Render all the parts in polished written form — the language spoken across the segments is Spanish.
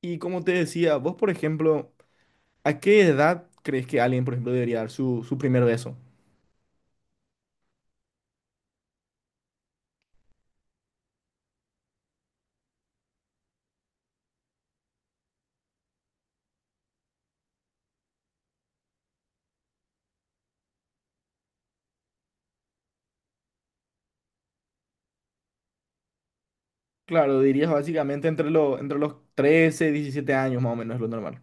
Y como te decía, vos, por ejemplo, ¿a qué edad crees que alguien, por ejemplo, debería dar su primer beso? Claro, dirías básicamente entre, entre los 13 17 años más o menos es lo normal.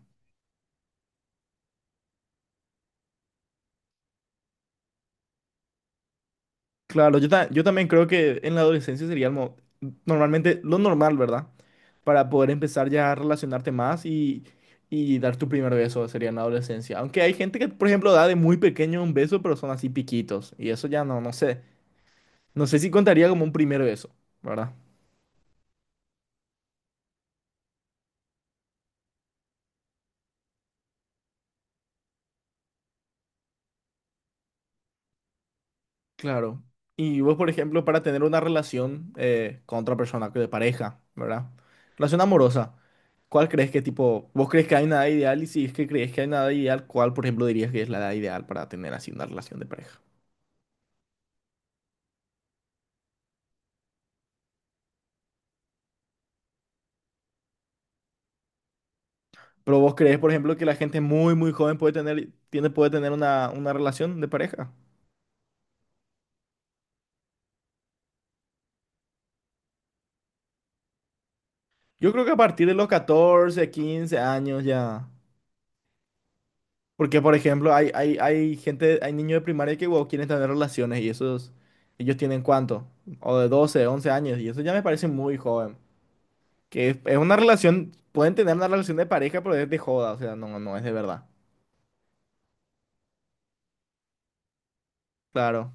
Claro, yo también creo que en la adolescencia sería el normalmente lo normal, ¿verdad? Para poder empezar ya a relacionarte más y dar tu primer beso sería en la adolescencia. Aunque hay gente que, por ejemplo, da de muy pequeño un beso, pero son así piquitos. Y eso ya no, no sé. No sé si contaría como un primer beso, ¿verdad? Claro. Y vos, por ejemplo, para tener una relación con otra persona, que de pareja, ¿verdad? Relación amorosa. ¿Cuál crees que tipo, vos crees que hay una edad ideal? Y si es que crees que hay una edad ideal, ¿cuál, por ejemplo, dirías que es la edad ideal para tener así una relación de pareja? Pero vos crees, por ejemplo, que la gente muy, muy joven puede tener, tiene, puede tener una relación de pareja. Yo creo que a partir de los 14 15 años ya. Porque, por ejemplo, hay gente, hay niños de primaria que wow, quieren tener relaciones y esos, ellos tienen cuánto, o de 12 11 años, y eso ya me parece muy joven. Que es una relación, pueden tener una relación de pareja, pero es de joda, o sea, no, no es de verdad. Claro,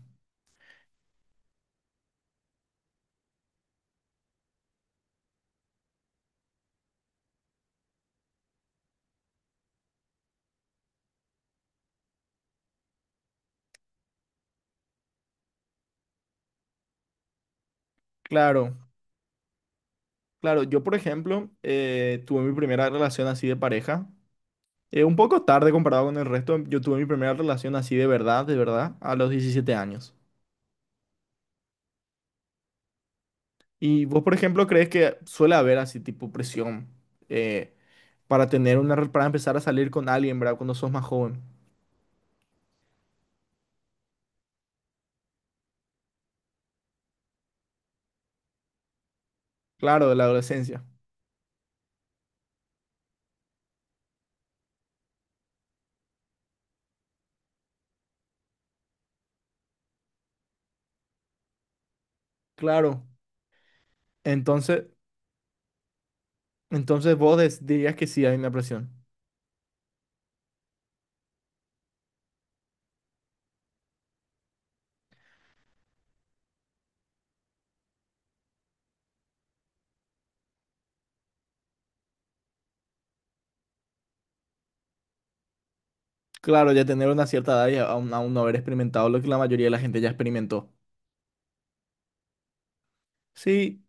claro, claro. Yo, por ejemplo, tuve mi primera relación así de pareja, un poco tarde comparado con el resto, yo tuve mi primera relación así de verdad, a los 17 años. Y vos, por ejemplo, crees que suele haber así tipo presión eh, para tener una, para empezar a salir con alguien, ¿verdad? Cuando sos más joven. Claro, de la adolescencia. Claro. Entonces, entonces vos dirías que sí hay una presión. Claro, ya tener una cierta edad y aún, aún no haber experimentado lo que la mayoría de la gente ya experimentó. Sí,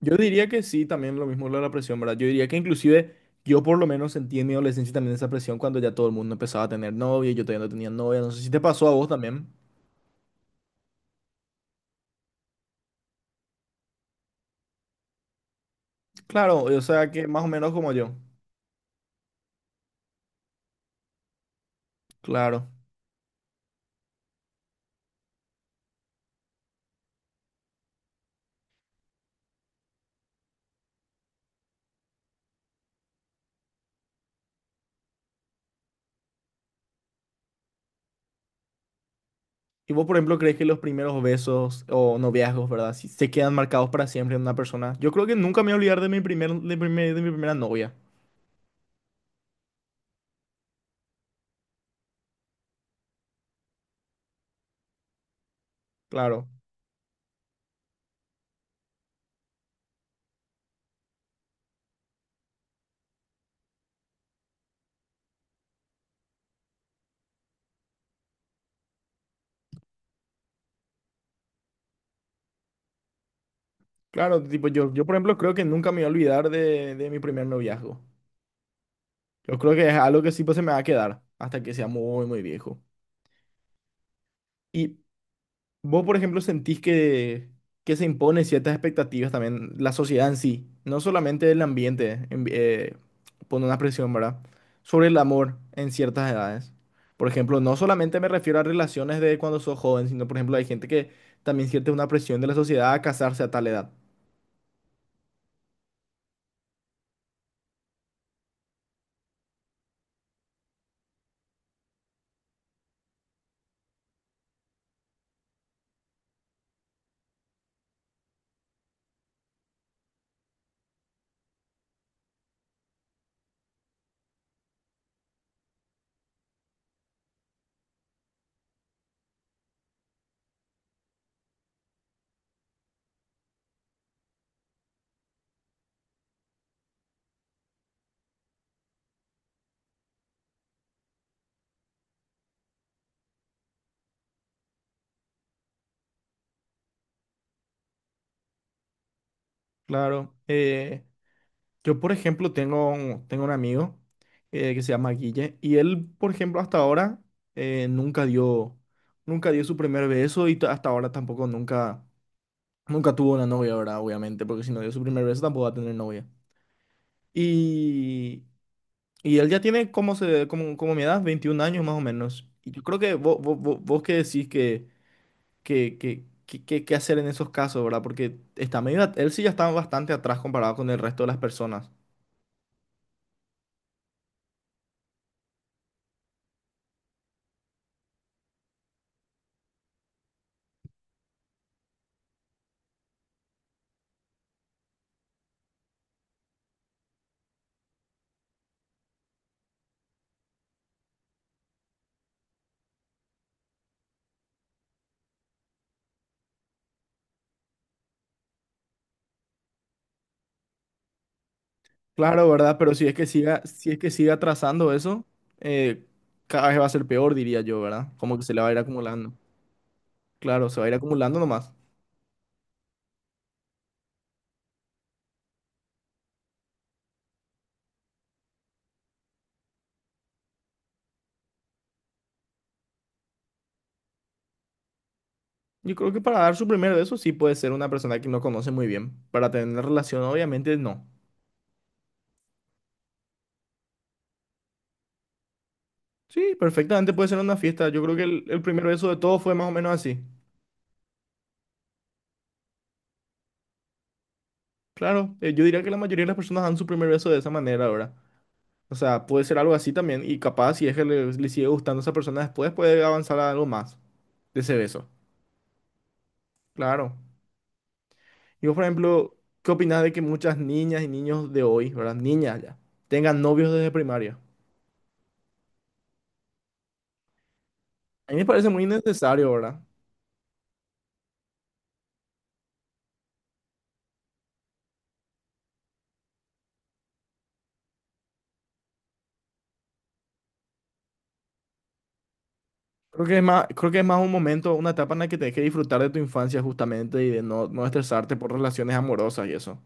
yo diría que sí, también lo mismo lo de la presión, ¿verdad? Yo diría que inclusive yo por lo menos sentí en mi adolescencia también esa presión cuando ya todo el mundo empezaba a tener novia, yo todavía no tenía novia. No sé si te pasó a vos también. Claro, o sea que más o menos como yo. Claro. ¿Y vos, por ejemplo, crees que los primeros besos o noviazgos, ¿verdad? Si se quedan marcados para siempre en una persona. Yo creo que nunca me voy a olvidar de mi primer, de de mi primera novia. Claro. Claro, tipo, por ejemplo, creo que nunca me voy a olvidar de mi primer noviazgo. Yo creo que es algo que sí pues, se me va a quedar hasta que sea muy, muy viejo. Y, vos, por ejemplo, sentís que se imponen ciertas expectativas también, la sociedad en sí, no solamente el ambiente pone una presión, ¿verdad? Sobre el amor en ciertas edades. Por ejemplo, no solamente me refiero a relaciones de cuando sos joven, sino, por ejemplo, hay gente que también siente una presión de la sociedad a casarse a tal edad. Claro. Yo, por ejemplo, tengo un amigo que se llama Guille y él, por ejemplo, hasta ahora eh, nunca dio, nunca dio su primer beso y hasta ahora tampoco nunca, nunca tuvo una novia, ¿verdad? Obviamente, porque si no dio su primer beso tampoco va a tener novia. Y, y él ya tiene como, se, como, como mi edad, 21 años más o menos. Y yo creo que vos qué decís que, qué hacer en esos casos, ¿verdad? Porque está medio, él sí ya está bastante atrás comparado con el resto de las personas. Claro, ¿verdad? Pero si es que siga, si es que siga trazando eso, eh, cada vez va a ser peor, diría yo, ¿verdad? Como que se le va a ir acumulando. Claro, se va a ir acumulando nomás. Yo creo que para dar su primer beso sí puede ser una persona que no conoce muy bien. Para tener una relación, obviamente no. Sí, perfectamente puede ser una fiesta. Yo creo que el primer beso de todos fue más o menos así. Claro, yo diría que la mayoría de las personas dan su primer beso de esa manera, ¿verdad? O sea, puede ser algo así también. Y capaz, si es que le sigue gustando a esa persona después, puede avanzar a algo más de ese beso. Claro. Digo, por ejemplo, ¿qué opinas de que muchas niñas y niños de hoy, ¿verdad? Niñas ya, tengan novios desde primaria? A mí me parece muy innecesario, ¿verdad? Creo que es más, creo que es más un momento, una etapa en la que tenés que disfrutar de tu infancia justamente y de no, no estresarte por relaciones amorosas y eso.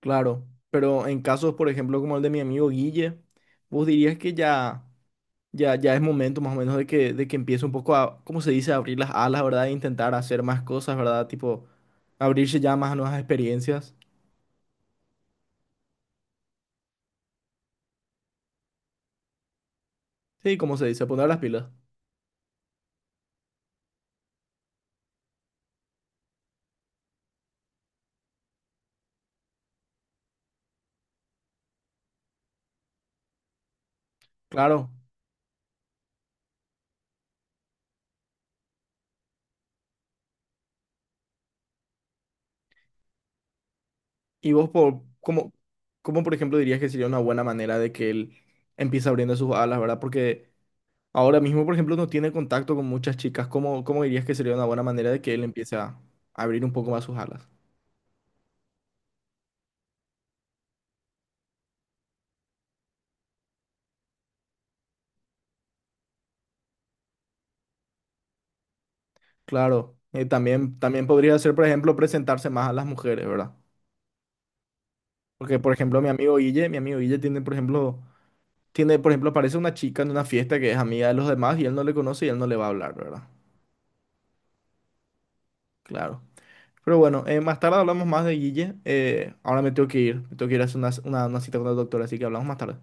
Claro, pero en casos, por ejemplo, como el de mi amigo Guille, vos dirías que ya, ya es momento más o menos de que empiece un poco a, ¿cómo se dice?, abrir las alas, ¿verdad? E intentar hacer más cosas, ¿verdad? Tipo, abrirse ya más a nuevas experiencias. Sí, como se dice, poner las pilas. Claro. Y vos, por, ¿cómo, cómo, por ejemplo, dirías que sería una buena manera de que él empiece abriendo sus alas, ¿verdad? Porque ahora mismo, por ejemplo, no tiene contacto con muchas chicas. ¿Cómo, cómo dirías que sería una buena manera de que él empiece a abrir un poco más sus alas? Claro. También, también podría ser, por ejemplo, presentarse más a las mujeres, ¿verdad? Porque, por ejemplo, mi amigo Guille tiene, por ejemplo, aparece una chica en una fiesta que es amiga de los demás y él no le conoce y él no le va a hablar, ¿verdad? Claro. Pero bueno, más tarde hablamos más de Guille. Ahora me tengo que ir. Me tengo que ir a hacer una, una cita con el doctor, así que hablamos más tarde.